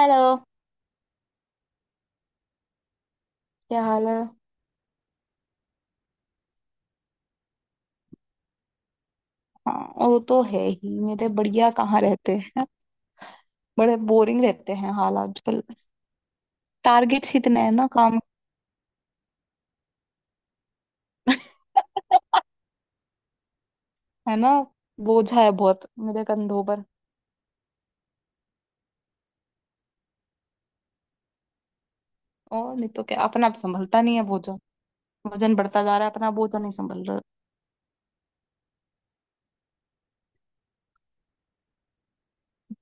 Hello, क्या हाल है? हाँ, वो तो है ही। मेरे बढ़िया कहाँ रहते हैं, बड़े बोरिंग रहते हैं हाल आजकल। टारगेट्स इतने हैं ना काम। है ना। बोझा है बहुत मेरे कंधों पर। और नहीं तो क्या, अपना तो संभलता नहीं है बोझा। वजन बढ़ता जा रहा है, अपना बोझा नहीं संभल रहा।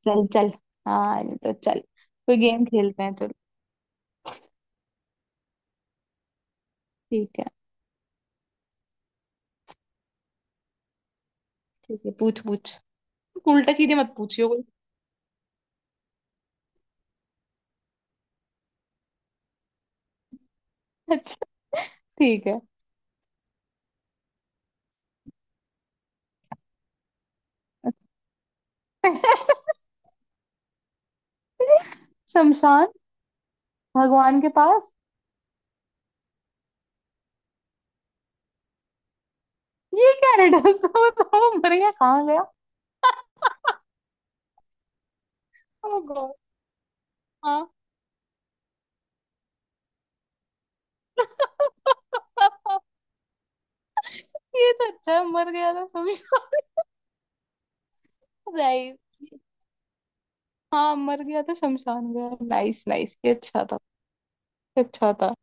चल चल। हाँ नहीं तो चल, कोई गेम खेलते हैं चल। ठीक है। ठीक है, पूछ पूछ। उल्टा सीधे मत पूछियो कोई। अच्छा, ठीक है। शमशान। भगवान के पास। ये क्या रिडल था, बताओ वो मर गया कहाँ गया। ओ गॉड। हाँ। ये तो अच्छा है, मर गया था शमशान। राइट। हाँ मर गया था शमशान गया, नाइस नाइस, ये अच्छा था। ये अच्छा था।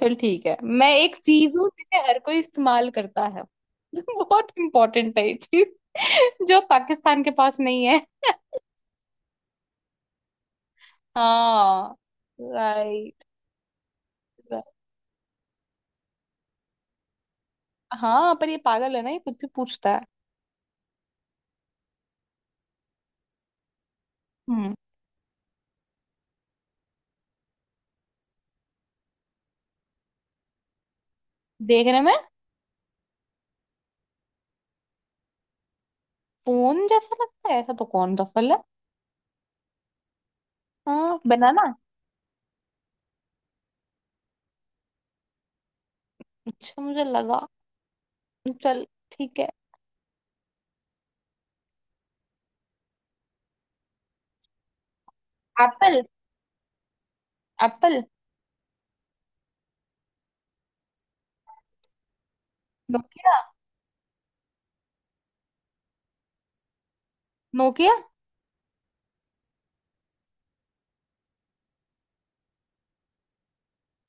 चल ठीक है, मैं एक चीज हूँ जिसे हर कोई इस्तेमाल करता है। बहुत इंपॉर्टेंट है ये चीज। जो पाकिस्तान के पास नहीं है। हाँ। राइट। हाँ पर ये पागल है ना, ये कुछ भी पूछता है। हम्म। देखने में फोन जैसा लगता है, ऐसा तो कौन सा फल है? हाँ, बनाना। अच्छा, मुझे लगा। चल ठीक है। एप्पल। एप्पल। नोकिया। नोकिया।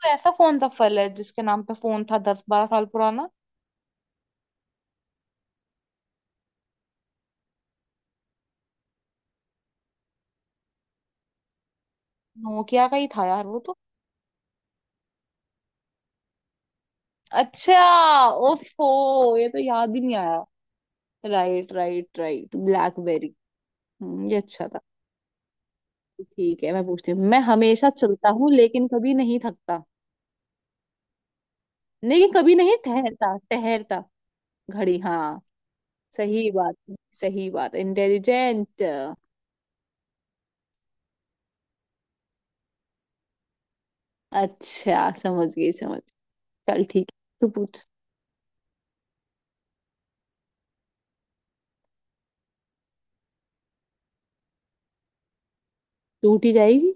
तो ऐसा कौन सा फल है जिसके नाम पे फोन था 10 12 साल पुराना? नोकिया का ही था यार वो तो। अच्छा। ओफो, ये तो याद ही नहीं आया। Right right right, BlackBerry. Hmm, ये अच्छा था। ठीक है, मैं पूछती हूँ। मैं हमेशा चलता हूँ लेकिन कभी नहीं थकता, लेकिन कभी नहीं ठहरता ठहरता। घड़ी, हाँ। सही बात है, सही बात, इंटेलिजेंट। अच्छा, समझ गई समझ। चल ठीक है, तू पूछ। टूट ही जाएगी।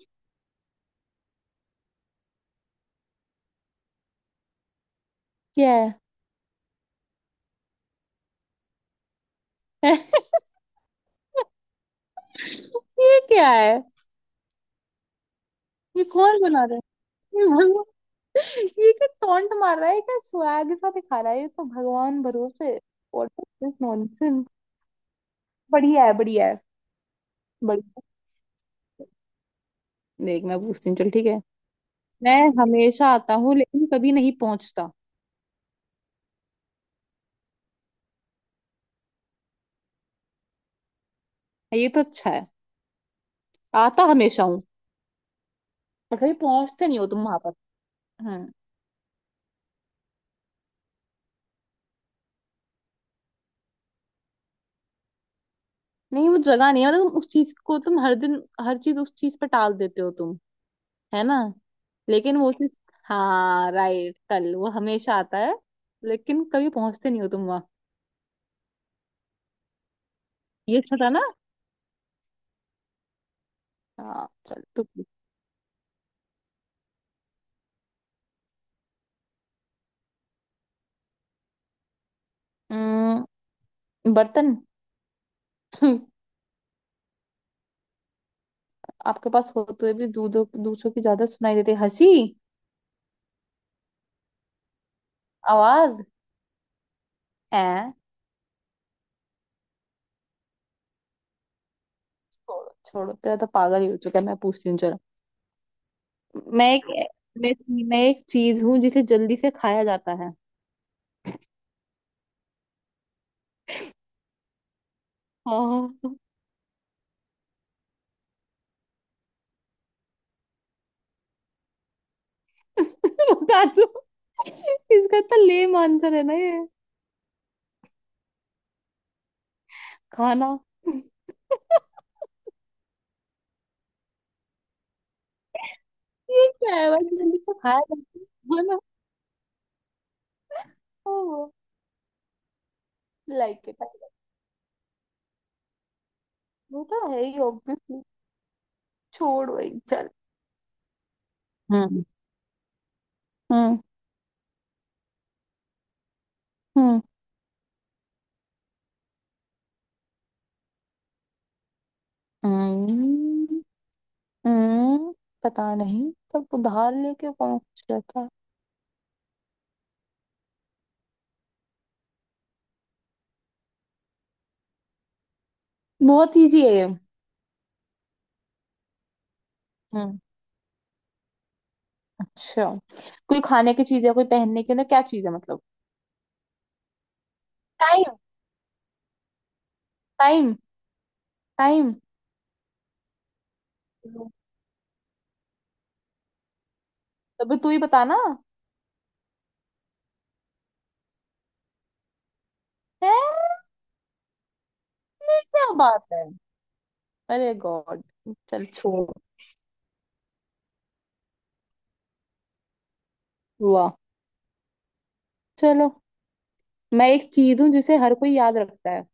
क्या है? ये क्या है? ये कौन बना रहा है, ये भगवान? ये क्या टॉन्ट मार रहा है, क्या स्वैग सा दिखा रहा है, ये तो भगवान भरोसे। What is this nonsense. बढ़िया है, बढ़िया है। बढ़िया। देख, मैं पूछती हूँ, चल ठीक है। मैं हमेशा आता हूँ लेकिन कभी नहीं पहुंचता। ये तो अच्छा है। आता हमेशा हूँ पर कभी पहुंचते नहीं हो तुम वहां पर। हम्म। नहीं, वो जगह नहीं है, मतलब तुम उस चीज को तुम हर दिन हर चीज उस चीज पे टाल देते हो तुम, है ना। लेकिन वो चीज, हाँ राइट, कल वो हमेशा आता है लेकिन कभी पहुंचते नहीं हो तुम वहां। ये अच्छा था ना। हाँ चल, तू पूछ। अम्म, बर्तन। आपके पास होते हुए भी दूधों दूसरों की ज्यादा सुनाई देती है। हंसी। आवाज है। छोड़ो छोड़ो, तेरा तो पागल ही हो चुका है। मैं पूछती हूँ, चलो। मैं एक मैं, मैं एक चीज हूँ जिसे जल्दी से खाया जाता है। हाँ। बता दो। इसका तो लेम आंसर है ना ये। खाना। ये क्या है भाई जल्दी से खाया जाता है? खाना। ओह। Like it. वो तो है ही ऑब्वियसली। छोड़ भाई चल। हम्म। हम्म हम्म हम्म, हम्म, पता नहीं, सब उधार लेके कौन कुछ रहता है। बहुत इजी है ये। हम्म। अच्छा, कोई खाने की चीज है, कोई पहनने की ना, क्या चीज है मतलब? टाइम। टाइम। टाइम। तो भी तू ही बताना। है। ये क्या बात है, अरे गॉड। चल छोड़। हुआ। चलो, मैं एक चीज हूँ जिसे हर कोई याद रखता है।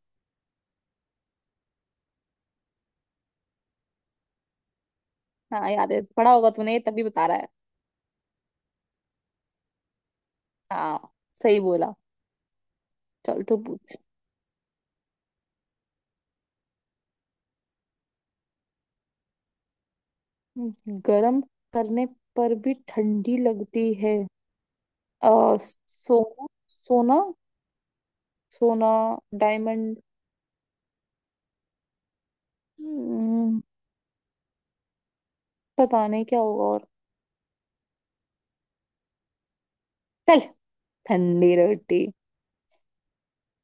हाँ याद है, पढ़ा होगा तूने तभी बता रहा है। हाँ, सही बोला। चल तू पूछ। गर्म करने पर भी ठंडी लगती है? आ, सोना। सोना। सोना। डायमंड। हम्म, पता नहीं क्या होगा और। चल, ठंडी रोटी,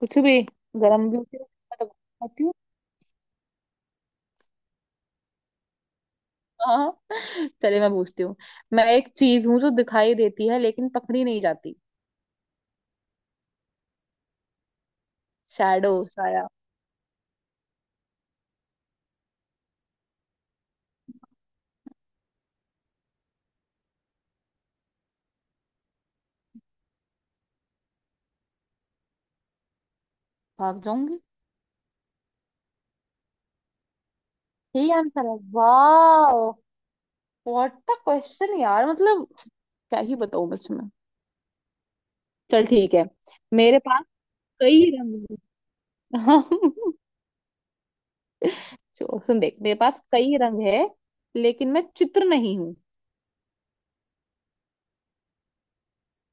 कुछ भी, गरम भी होती है, मैं तो खाती हूँ। हाँ चलिए, मैं पूछती हूँ। मैं एक चीज हूँ जो दिखाई देती है लेकिन पकड़ी नहीं जाती। शैडो, साया। भाग जाऊंगी। यही आंसर है, वाह। व्हाट द क्वेश्चन, यार मतलब। क्या ही बताऊँ बस मैं। चल ठीक है। मेरे पास कई रंग। जो सुन, देख, मेरे पास कई रंग है लेकिन मैं चित्र नहीं हूँ।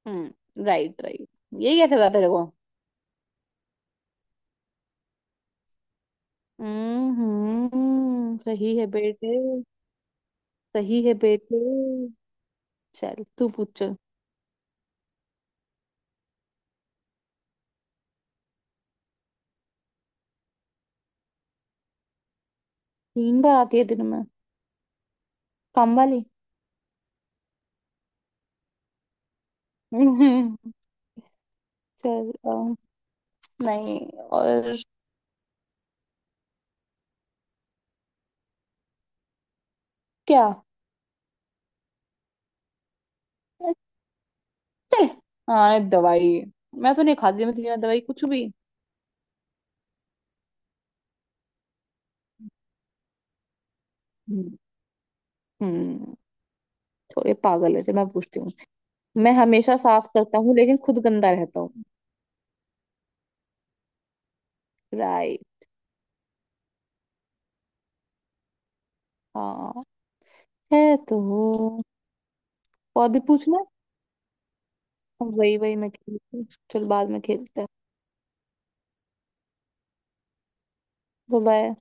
Right right. ये कैसे बता तेरे को? हम्म, सही है बेटे। सही है बेटे। चल तू पूछ चल। 3 बार आती है दिन में? कम वाली। हम्म, चल अम, नहीं और क्या। चल, हाँ दवाई, मैं तो नहीं खाती मैं तेरी दवाई कुछ भी। हम्म। हम्म, थोड़े पागल है। चल मैं पूछती हूँ। मैं हमेशा साफ करता हूँ लेकिन खुद गंदा रहता हूँ। राइट। हाँ, है तो। और भी पूछना, वही वही मैं खेलती हूँ। चल, बाद में खेलते हैं। बाय।